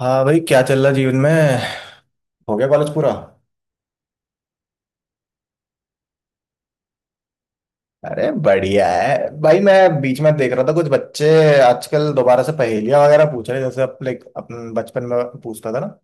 हाँ भाई, क्या चल रहा जीवन में। हो गया कॉलेज पूरा। अरे बढ़िया है भाई। मैं बीच में देख रहा था कुछ बच्चे आजकल दोबारा से पहेलियां वगैरह पूछ रहे हैं, जैसे अपने अपन बचपन में पूछता था ना।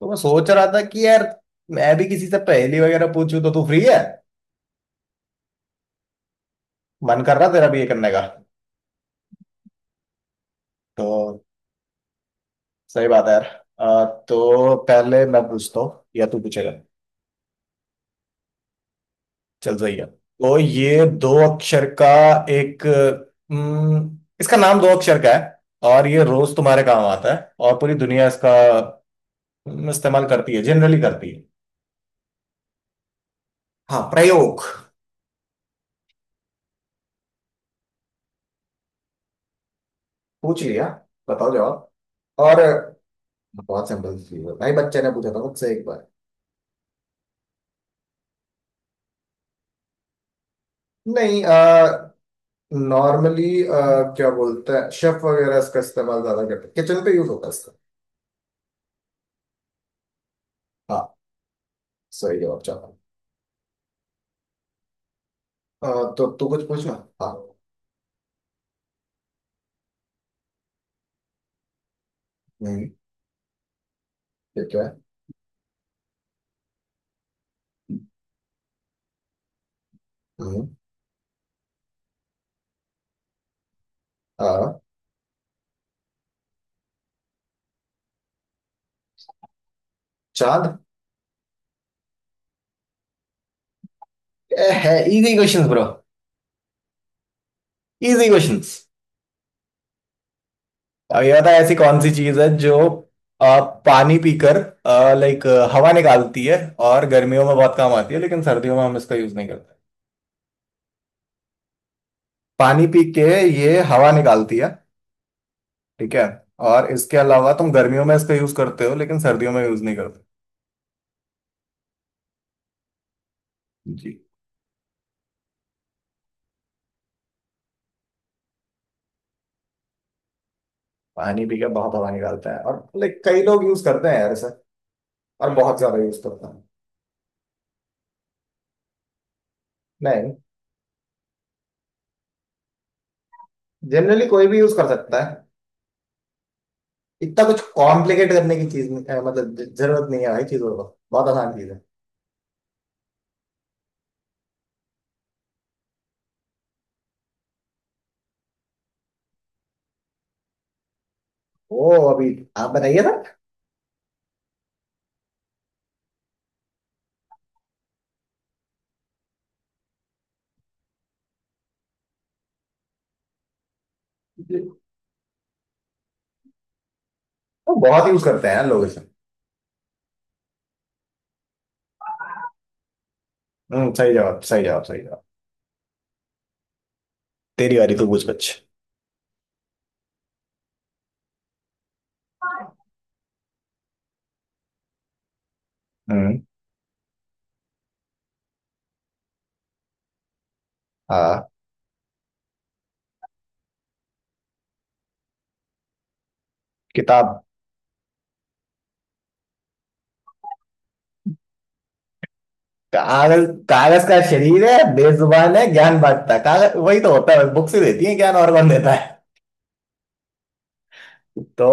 तो मैं सोच रहा था कि यार, मैं भी किसी से पहेली वगैरह पूछूं, तो तू फ्री है? मन कर रहा तेरा भी ये करने का? तो सही बात है यार। तो पहले मैं पूछता हूँ या तू पूछेगा? चल सही है, तो ये दो अक्षर का। एक। इसका नाम दो अक्षर का है, और ये रोज तुम्हारे काम आता है, और पूरी दुनिया इसका इस्तेमाल करती है, जनरली करती है। हाँ, प्रयोग। पूछ लिया, बताओ जवाब। और बहुत सिंपल चीज है भाई, बच्चे ने पूछा था मुझसे एक बार। नहीं। नॉर्मली क्या बोलते हैं, शेफ वगैरह इसका इस्तेमाल ज्यादा करते हैं, किचन पे यूज होता है इसका। हाँ, सही जवाब चाहता हूँ। तो तू कुछ पूछना। हाँ। हम्म। ये क्या है? हम्म। हाँ। चांद। है easy questions bro. Easy questions. अब ये बताओ, ऐसी कौन सी चीज है जो आ, पानी पीकर, लाइक, हवा निकालती है, और गर्मियों में बहुत काम आती है लेकिन सर्दियों में हम इसका यूज नहीं करते। पानी पी के ये हवा निकालती है। ठीक है? और इसके अलावा तुम गर्मियों में इसका यूज करते हो लेकिन सर्दियों में यूज नहीं करते। जी। पानी पी के बहुत हवा निकालता है, और लाइक कई लोग यूज करते हैं यार इसे, और बहुत ज्यादा यूज करते हैं। नहीं। जनरली कोई भी यूज कर सकता है। इतना कुछ कॉम्प्लिकेट करने की चीज नहीं- मतलब जरूरत नहीं है भाई चीजों को, बहुत आसान चीज है। ओ, अभी आप बताइए ना। वो बहुत यूज करते हैं यार लोग इसे। सही जवाब, सही जवाब, सही जवाब। तेरी बारी, तू पूछ कुछ। हम्म। हाँ। किताब। कागज कागज का शरीर है, बेजुबान है, ज्ञान बांटता है, कागज वही तो होता है, बुक्स ही देती है ज्ञान और कौन देता है। तो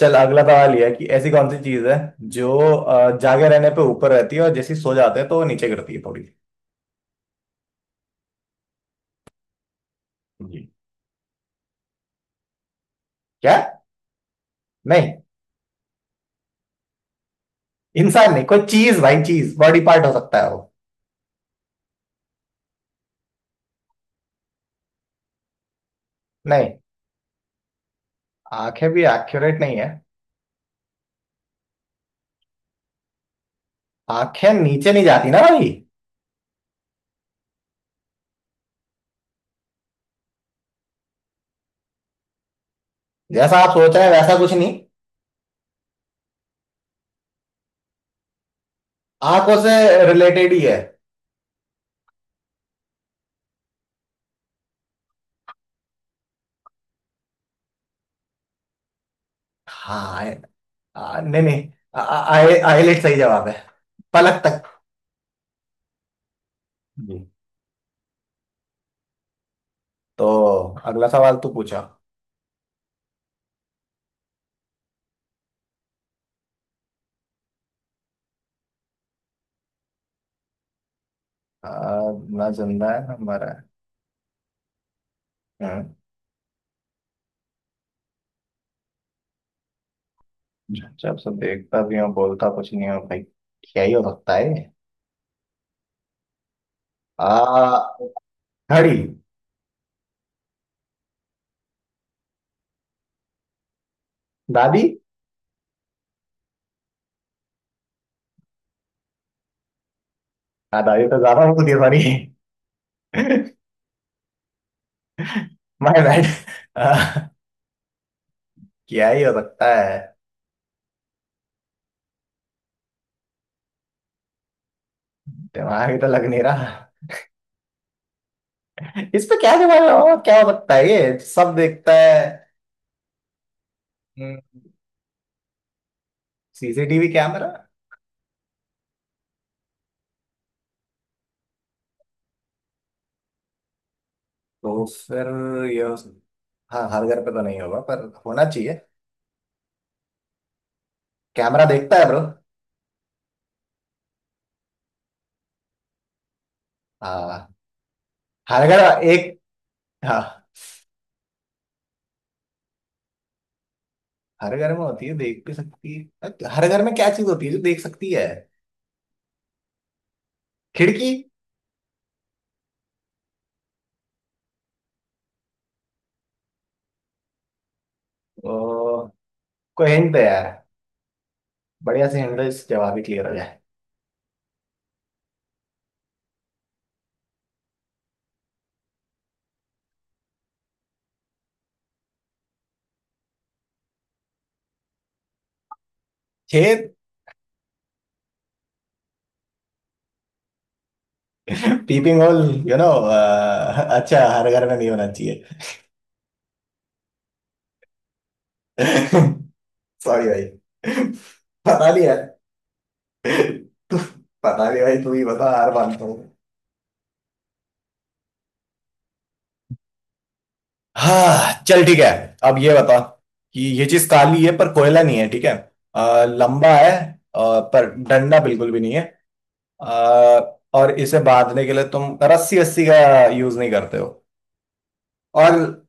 चल, अगला सवाल ये है कि ऐसी कौन सी चीज है जो जागे रहने पे ऊपर रहती है, और जैसे ही सो जाते हैं तो वो नीचे गिरती है थोड़ी। जी। क्या? नहीं। इंसान नहीं, कोई चीज भाई, चीज, बॉडी पार्ट हो सकता है वो। नहीं। आंखें भी एक्यूरेट नहीं है। आंखें नीचे नहीं जाती ना भाई। जैसा आप सोच रहे हैं वैसा कुछ नहीं। आंखों से रिलेटेड ही है। हाँ नहीं, नहीं। आईलेट सही जवाब है, पलक तक। जी। तो अगला सवाल तू पूछा। आ, ना जिंदा है ना मरा है। हम्म। जब से देखता भी हूँ, बोलता कुछ नहीं हूँ भाई। क्या ही हो सकता है। आ घड़ी। दादी। हाँ दादी तो ज्यादा बोलती है, सॉरी। My bad. क्या ही हो सकता है। दिमाग ही तो लग नहीं रहा। इस पे क्या दिमाग लगा, क्या हो सकता है ये सब देखता है। CCTV camera. तो फिर। ये हो सक- हाँ, हर घर पे तो नहीं होगा पर होना चाहिए। कैमरा देखता है ब्रो। हाँ। हर घर। एक। हाँ। हर घर में होती है, देख भी सकती है, हर घर में क्या चीज होती है जो देख सकती है? खिड़की। ओ, कोई हिंट है यार, बढ़िया से हिंट, जवाब ही क्लियर हो जाए। छेद। पीपिंग होल यू नो अच्छा, हर घर में नहीं होना चाहिए। सॉरी भाई, पता नहीं यार। तू, पता नहीं भाई, तू ही बता, हार मानता हूँ। हाँ चल ठीक है। अब ये बता कि ये चीज काली है पर कोयला नहीं है, ठीक है? लंबा है, पर डंडा बिल्कुल भी नहीं है, और इसे बांधने के लिए तुम रस्सी रस्सी का यूज नहीं करते हो। और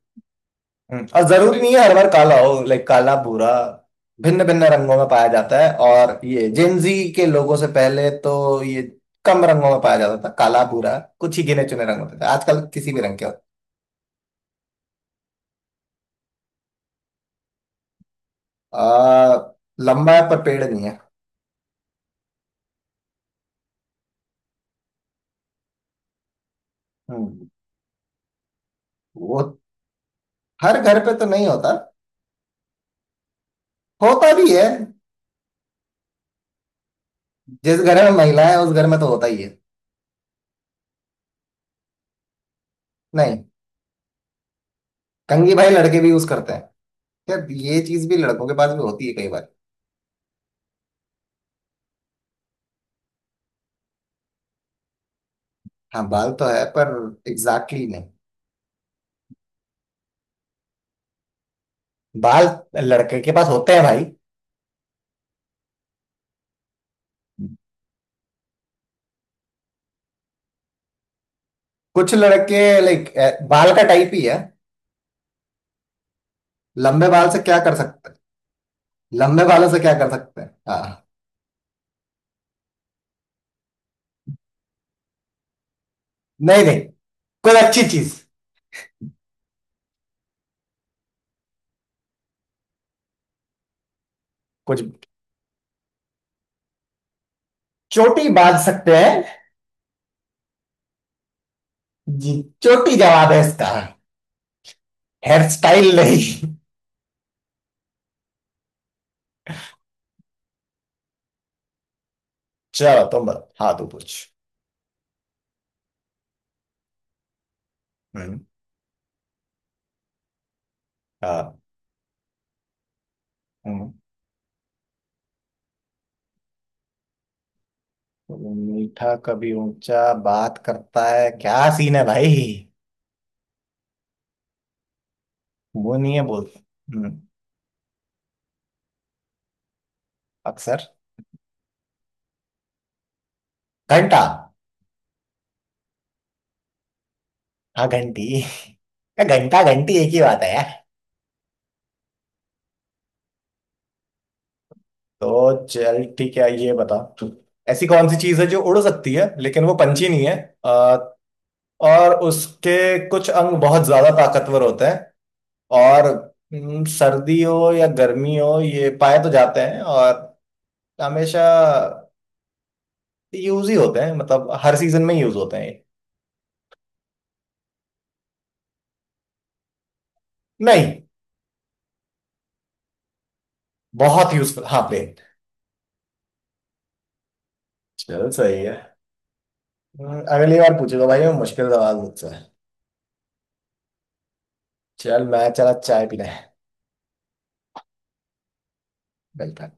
और जरूरी नहीं है हर बार काला हो, लाइक काला भूरा, भिन्न भिन्न रंगों में पाया जाता है, और ये जेंजी के लोगों से पहले तो ये कम रंगों में पाया जाता था, काला भूरा कुछ ही गिने चुने रंग होते थे, आजकल किसी भी रंग के होते हैं। लंबा है पर पेड़ नहीं है। हम्म। वो, हर घर पे तो नहीं होता, होता भी है, जिस घर में महिला है उस घर में तो होता ही है। नहीं। कंघी? भाई लड़के भी यूज करते हैं। यार ये चीज भी लड़कों के पास भी होती है कई बार। हाँ बाल तो है, पर एग्जैक्टली नहीं। बाल लड़के के पास होते हैं भाई। कुछ लड़के, लाइक, बाल का टाइप ही है। लंबे बाल से क्या कर सकते हैं, लंबे बालों से क्या कर सकते हैं, हाँ? नहीं, नहीं, कोई अच्छी चीज। कुछ, चोटी बांध सकते हैं। जी, चोटी जवाब है इसका, हेयर स्टाइल नहीं। चलो तुम बताओ, हाँ तू पूछ। हम्म। हाँ। हम्म। कभी मीठा कभी ऊंचा बात करता है, क्या सीन है भाई। वो नहीं है बोलते। हम्म, अक्सर। घंटा। हाँ घंटी, या घंटा घंटी एक ही बात है यार। तो चल ठीक है, ये बता तू, ऐसी कौन सी चीज है जो उड़ सकती है लेकिन वो पंछी नहीं है, अ, और उसके कुछ अंग बहुत ज्यादा ताकतवर होते हैं, और सर्दी हो या गर्मी हो ये पाए तो जाते हैं, और हमेशा यूज ही होते हैं, मतलब हर सीजन में यूज होते हैं ये। नहीं। बहुत यूजफुल, हाँ प्लेन। चल सही है। अगली बार पूछेगा भाई मैं मुश्किल सवाल मुझसे। चल मैं चला चाय पीने। है।